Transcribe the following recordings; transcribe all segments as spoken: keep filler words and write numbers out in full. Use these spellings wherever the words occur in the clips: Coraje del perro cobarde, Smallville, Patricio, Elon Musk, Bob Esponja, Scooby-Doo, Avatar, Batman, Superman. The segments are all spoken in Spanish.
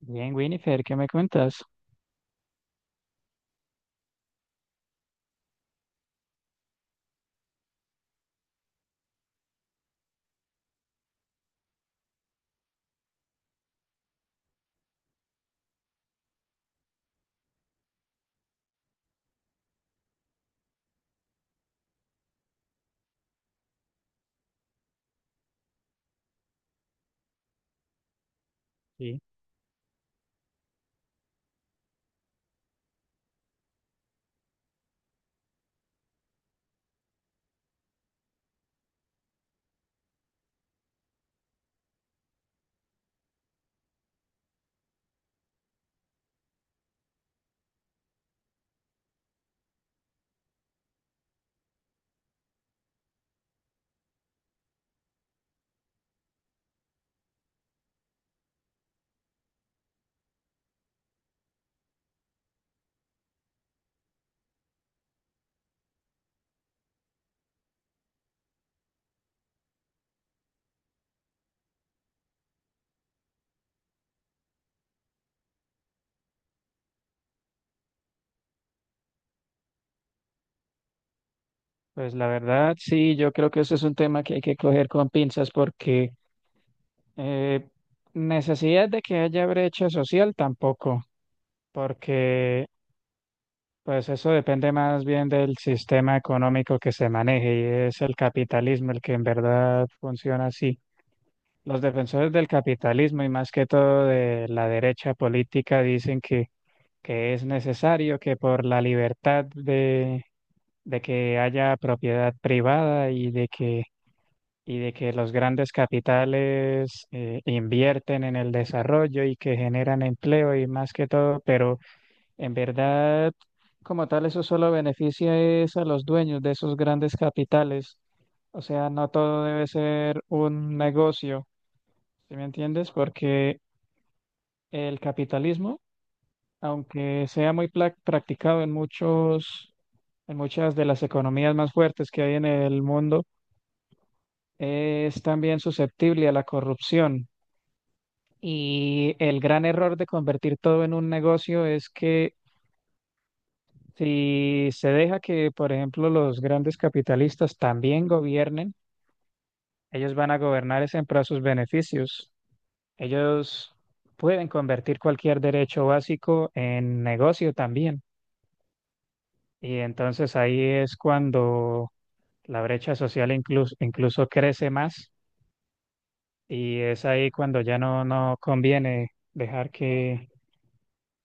Bien, Winifred, ¿qué me cuentas? Sí, pues la verdad, sí, yo creo que eso es un tema que hay que coger con pinzas porque eh, necesidad de que haya brecha social tampoco, porque pues eso depende más bien del sistema económico que se maneje y es el capitalismo el que en verdad funciona así. Los defensores del capitalismo y más que todo de la derecha política dicen que, que es necesario que por la libertad de que haya propiedad privada y de que, y de que los grandes capitales eh, invierten en el desarrollo y que generan empleo y más que todo, pero en verdad, como tal, eso solo beneficia es a los dueños de esos grandes capitales. O sea, no todo debe ser un negocio, ¿sí me entiendes? Porque el capitalismo, aunque sea muy pla- practicado en muchos, en muchas de las economías más fuertes que hay en el mundo, es también susceptible a la corrupción. Y el gran error de convertir todo en un negocio es que si se deja que, por ejemplo, los grandes capitalistas también gobiernen, ellos van a gobernar es en pro de sus beneficios. Ellos pueden convertir cualquier derecho básico en negocio también. Y entonces ahí es cuando la brecha social incluso, incluso crece más y es ahí cuando ya no, no conviene dejar que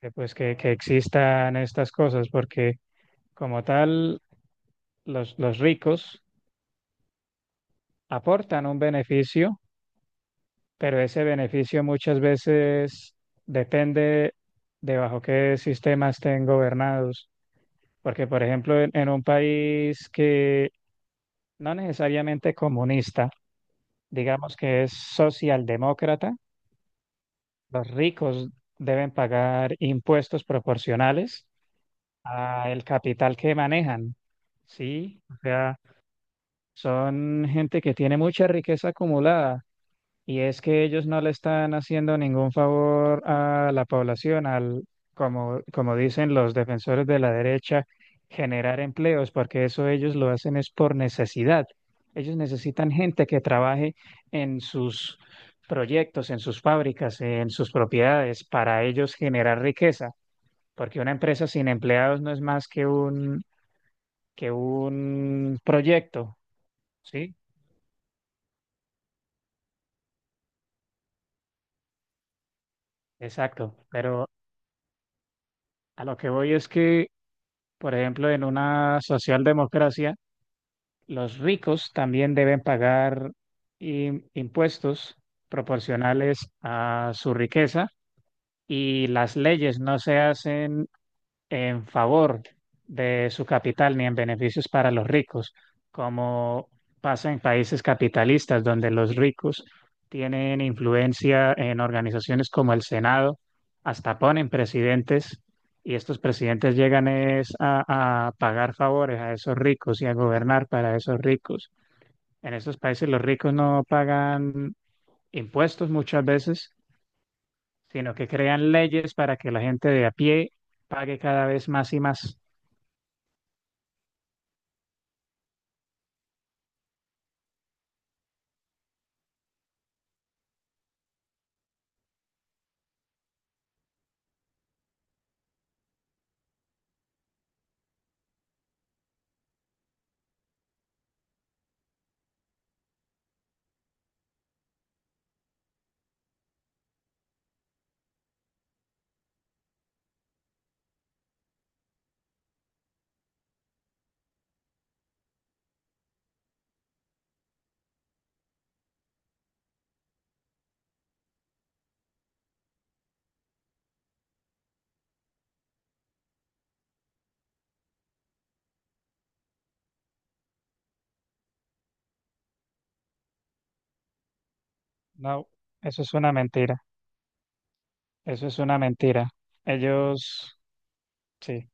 que, pues que, que existan estas cosas, porque como tal, los, los ricos aportan un beneficio, pero ese beneficio muchas veces depende de bajo qué sistema estén gobernados. Porque, por ejemplo, en, en un país que no necesariamente comunista, digamos que es socialdemócrata, los ricos deben pagar impuestos proporcionales al capital que manejan, ¿sí? O sea, son gente que tiene mucha riqueza acumulada y es que ellos no le están haciendo ningún favor a la población, al, como, como dicen los defensores de la derecha, generar empleos, porque eso ellos lo hacen es por necesidad. Ellos necesitan gente que trabaje en sus proyectos, en sus fábricas, en sus propiedades, para ellos generar riqueza, porque una empresa sin empleados no es más que un, que un proyecto. ¿Sí? Exacto, pero a lo que voy es que, por ejemplo, en una socialdemocracia, los ricos también deben pagar im- impuestos proporcionales a su riqueza y las leyes no se hacen en favor de su capital ni en beneficios para los ricos, como pasa en países capitalistas donde los ricos tienen influencia en organizaciones como el Senado, hasta ponen presidentes y estos presidentes llegan es a, a pagar favores a esos ricos y a gobernar para esos ricos. En estos países los ricos no pagan impuestos muchas veces, sino que crean leyes para que la gente de a pie pague cada vez más y más. No, eso es una mentira, eso es una mentira. Ellos, sí.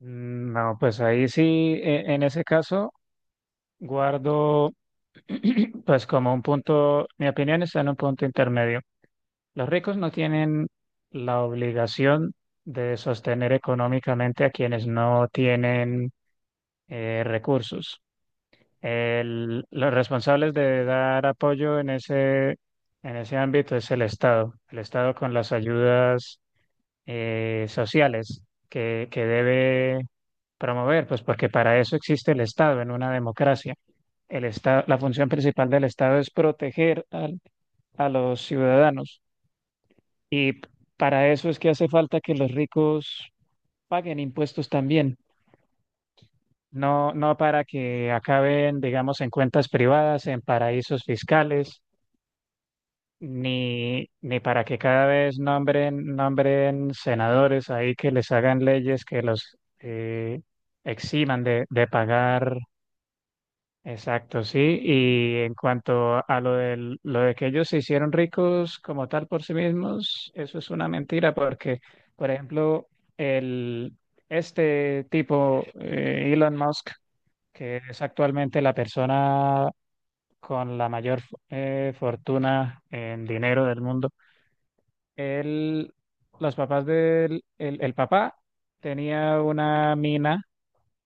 Mm, no, pues ahí sí, e- en ese caso, guardo, pues como un punto, mi opinión está en un punto intermedio. Los ricos no tienen la obligación de sostener económicamente a quienes no tienen eh, recursos. El- los responsables de dar apoyo en ese, en ese ámbito es el Estado. El Estado con las ayudas eh, sociales que, que debe promover, pues porque para eso existe el Estado en una democracia. El Estado, la función principal del Estado es proteger al- a los ciudadanos y para eso es que hace falta que los ricos paguen impuestos también. No, no para que acaben, digamos, en cuentas privadas, en paraísos fiscales ni, ni para que cada vez nombren, nombren senadores ahí que les hagan leyes que los eh, eximan de, de pagar. Exacto, sí. Y en cuanto a lo del, lo de que ellos se hicieron ricos como tal por sí mismos, eso es una mentira porque, por ejemplo, el, este tipo, eh, Elon Musk, que es actualmente la persona con la mayor eh, fortuna en dinero del mundo, él, los papás del el, el papá tenía una mina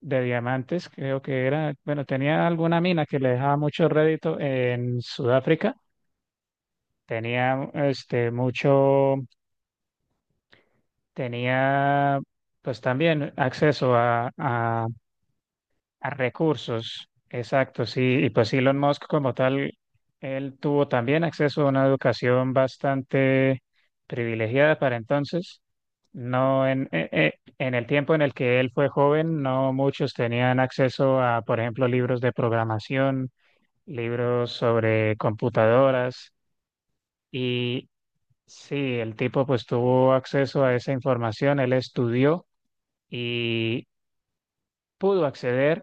de diamantes, creo que era, bueno, tenía alguna mina que le dejaba mucho rédito en Sudáfrica. Tenía este mucho, tenía pues también acceso a, a A recursos, exacto, sí. Y pues Elon Musk como tal, él tuvo también acceso a una educación bastante privilegiada para entonces. No en, e- e- en el tiempo en el que él fue joven, no muchos tenían acceso a, por ejemplo, libros de programación, libros sobre computadoras. Y sí, el tipo pues tuvo acceso a esa información, él estudió, pudo acceder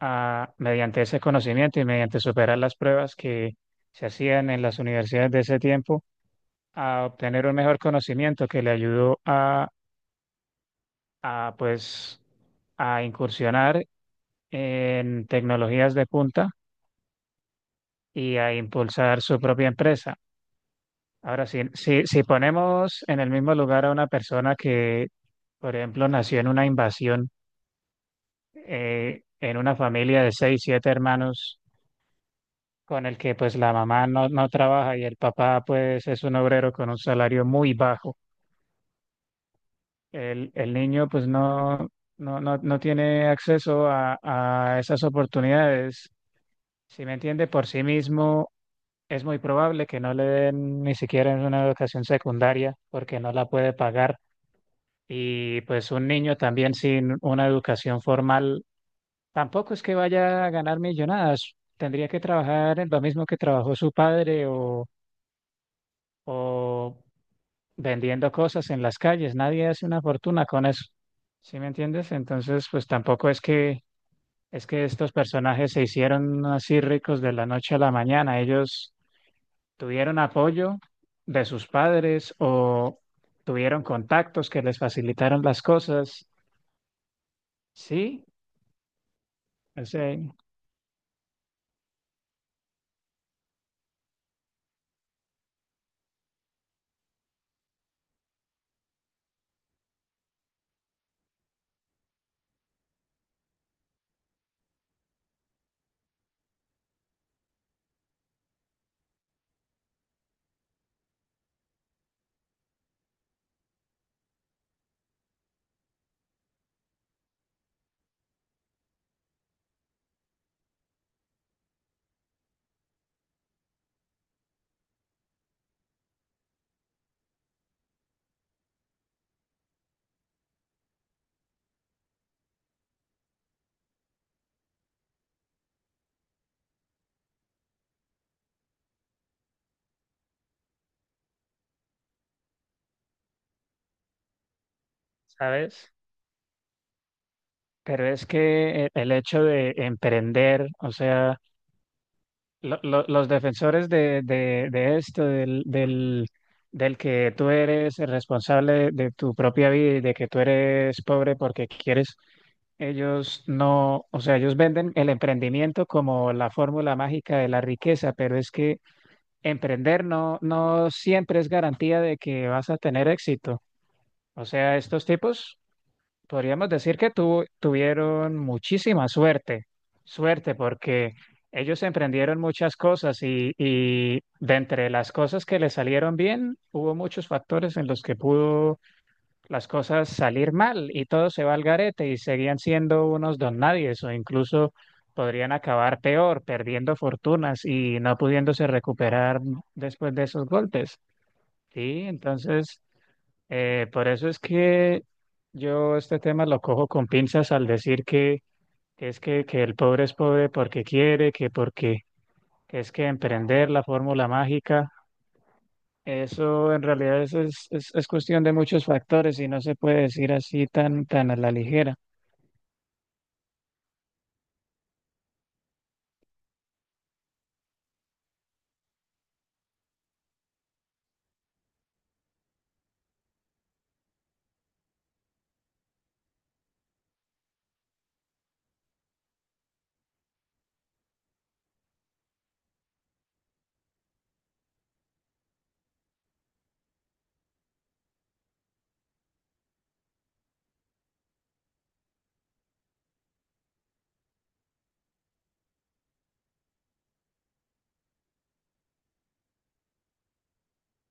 a, mediante ese conocimiento y mediante superar las pruebas que se hacían en las universidades de ese tiempo, a obtener un mejor conocimiento que le ayudó a, a, pues, a incursionar en tecnologías de punta y a impulsar su propia empresa. Ahora, si, si, si ponemos en el mismo lugar a una persona que, por ejemplo, nació en una invasión, eh, en una familia de seis, siete hermanos, con el que pues la mamá no, no trabaja y el papá pues es un obrero con un salario muy bajo. El, el niño pues no, no, no, no tiene acceso a, a esas oportunidades. Si me entiende, por sí mismo es muy probable que no le den ni siquiera una educación secundaria porque no la puede pagar. Y pues un niño también sin una educación formal tampoco es que vaya a ganar millonadas. Tendría que trabajar en lo mismo que trabajó su padre o, o vendiendo cosas en las calles, nadie hace una fortuna con eso. ¿Sí me entiendes? Entonces, pues tampoco es que es que estos personajes se hicieron así ricos de la noche a la mañana. Ellos tuvieron apoyo de sus padres o tuvieron contactos que les facilitaron las cosas. Sí, o sea, ¿sabes? Pero es que el el hecho de emprender, o sea, lo- lo- los defensores de, de, de esto, del, del, del que tú eres el responsable de tu propia vida y de que tú eres pobre porque quieres, ellos no, o sea, ellos venden el emprendimiento como la fórmula mágica de la riqueza, pero es que emprender no, no siempre es garantía de que vas a tener éxito. O sea, estos tipos podríamos decir que tu- tuvieron muchísima suerte, suerte porque ellos emprendieron muchas cosas y, y de entre las cosas que les salieron bien, hubo muchos factores en los que pudo las cosas salir mal y todo se va al garete y seguían siendo unos don nadies o incluso podrían acabar peor, perdiendo fortunas y no pudiéndose recuperar después de esos golpes. Sí, entonces... Eh, por eso es que yo este tema lo cojo con pinzas al decir que, que es que, que el pobre es pobre porque quiere, que porque que es que emprender la fórmula mágica, eso en realidad es, es, es- es cuestión de muchos factores y no se puede decir así tan, tan a la ligera.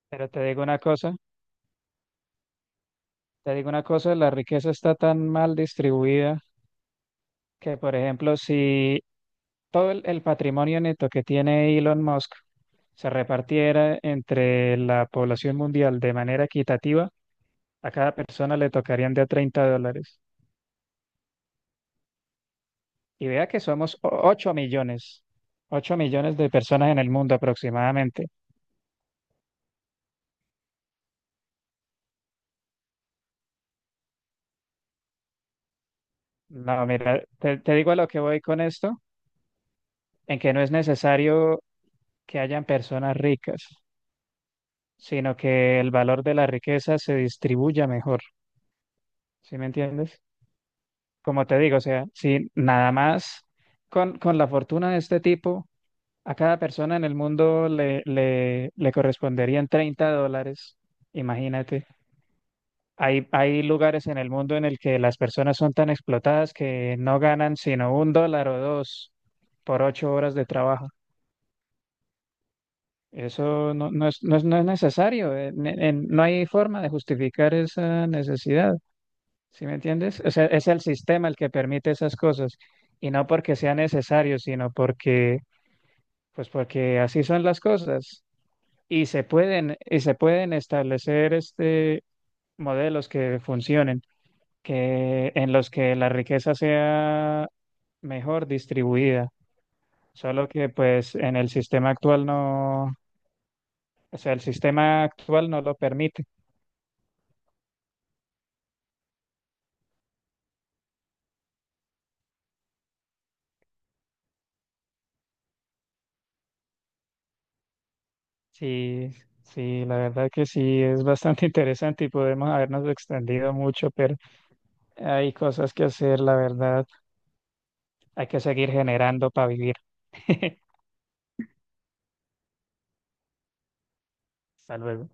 Pero te digo una cosa, te digo una cosa, la riqueza está tan mal distribuida que, por ejemplo, si todo el, el patrimonio neto que tiene Elon Musk se repartiera entre la población mundial de manera equitativa, a cada persona le tocarían de a treinta dólares. Y vea que somos ocho millones, ocho millones de personas en el mundo aproximadamente. No, mira, te, te digo a lo que voy con esto, en que no es necesario que hayan personas ricas, sino que el valor de la riqueza se distribuya mejor. ¿Sí me entiendes? Como te digo, o sea, si nada más con, con la fortuna de este tipo, a cada persona en el mundo le, le, le corresponderían treinta dólares. Imagínate. Hay, hay lugares en el mundo en el que las personas son tan explotadas que no ganan sino un dólar o dos por ocho horas de trabajo. Eso no, no es, no es, no es necesario. Eh, ne- en- no hay forma de justificar esa necesidad. ¿Sí me entiendes? O sea, es el sistema el que permite esas cosas y no porque sea necesario, sino porque, pues porque así son las cosas y se pueden, y se pueden establecer este modelos que funcionen, que en los que la riqueza sea mejor distribuida. Solo que pues en el sistema actual no, o sea, el sistema actual no lo permite. Sí, sí, la verdad que sí es bastante interesante y podemos habernos extendido mucho, pero hay cosas que hacer, la verdad. Hay que seguir generando para vivir. Hasta luego.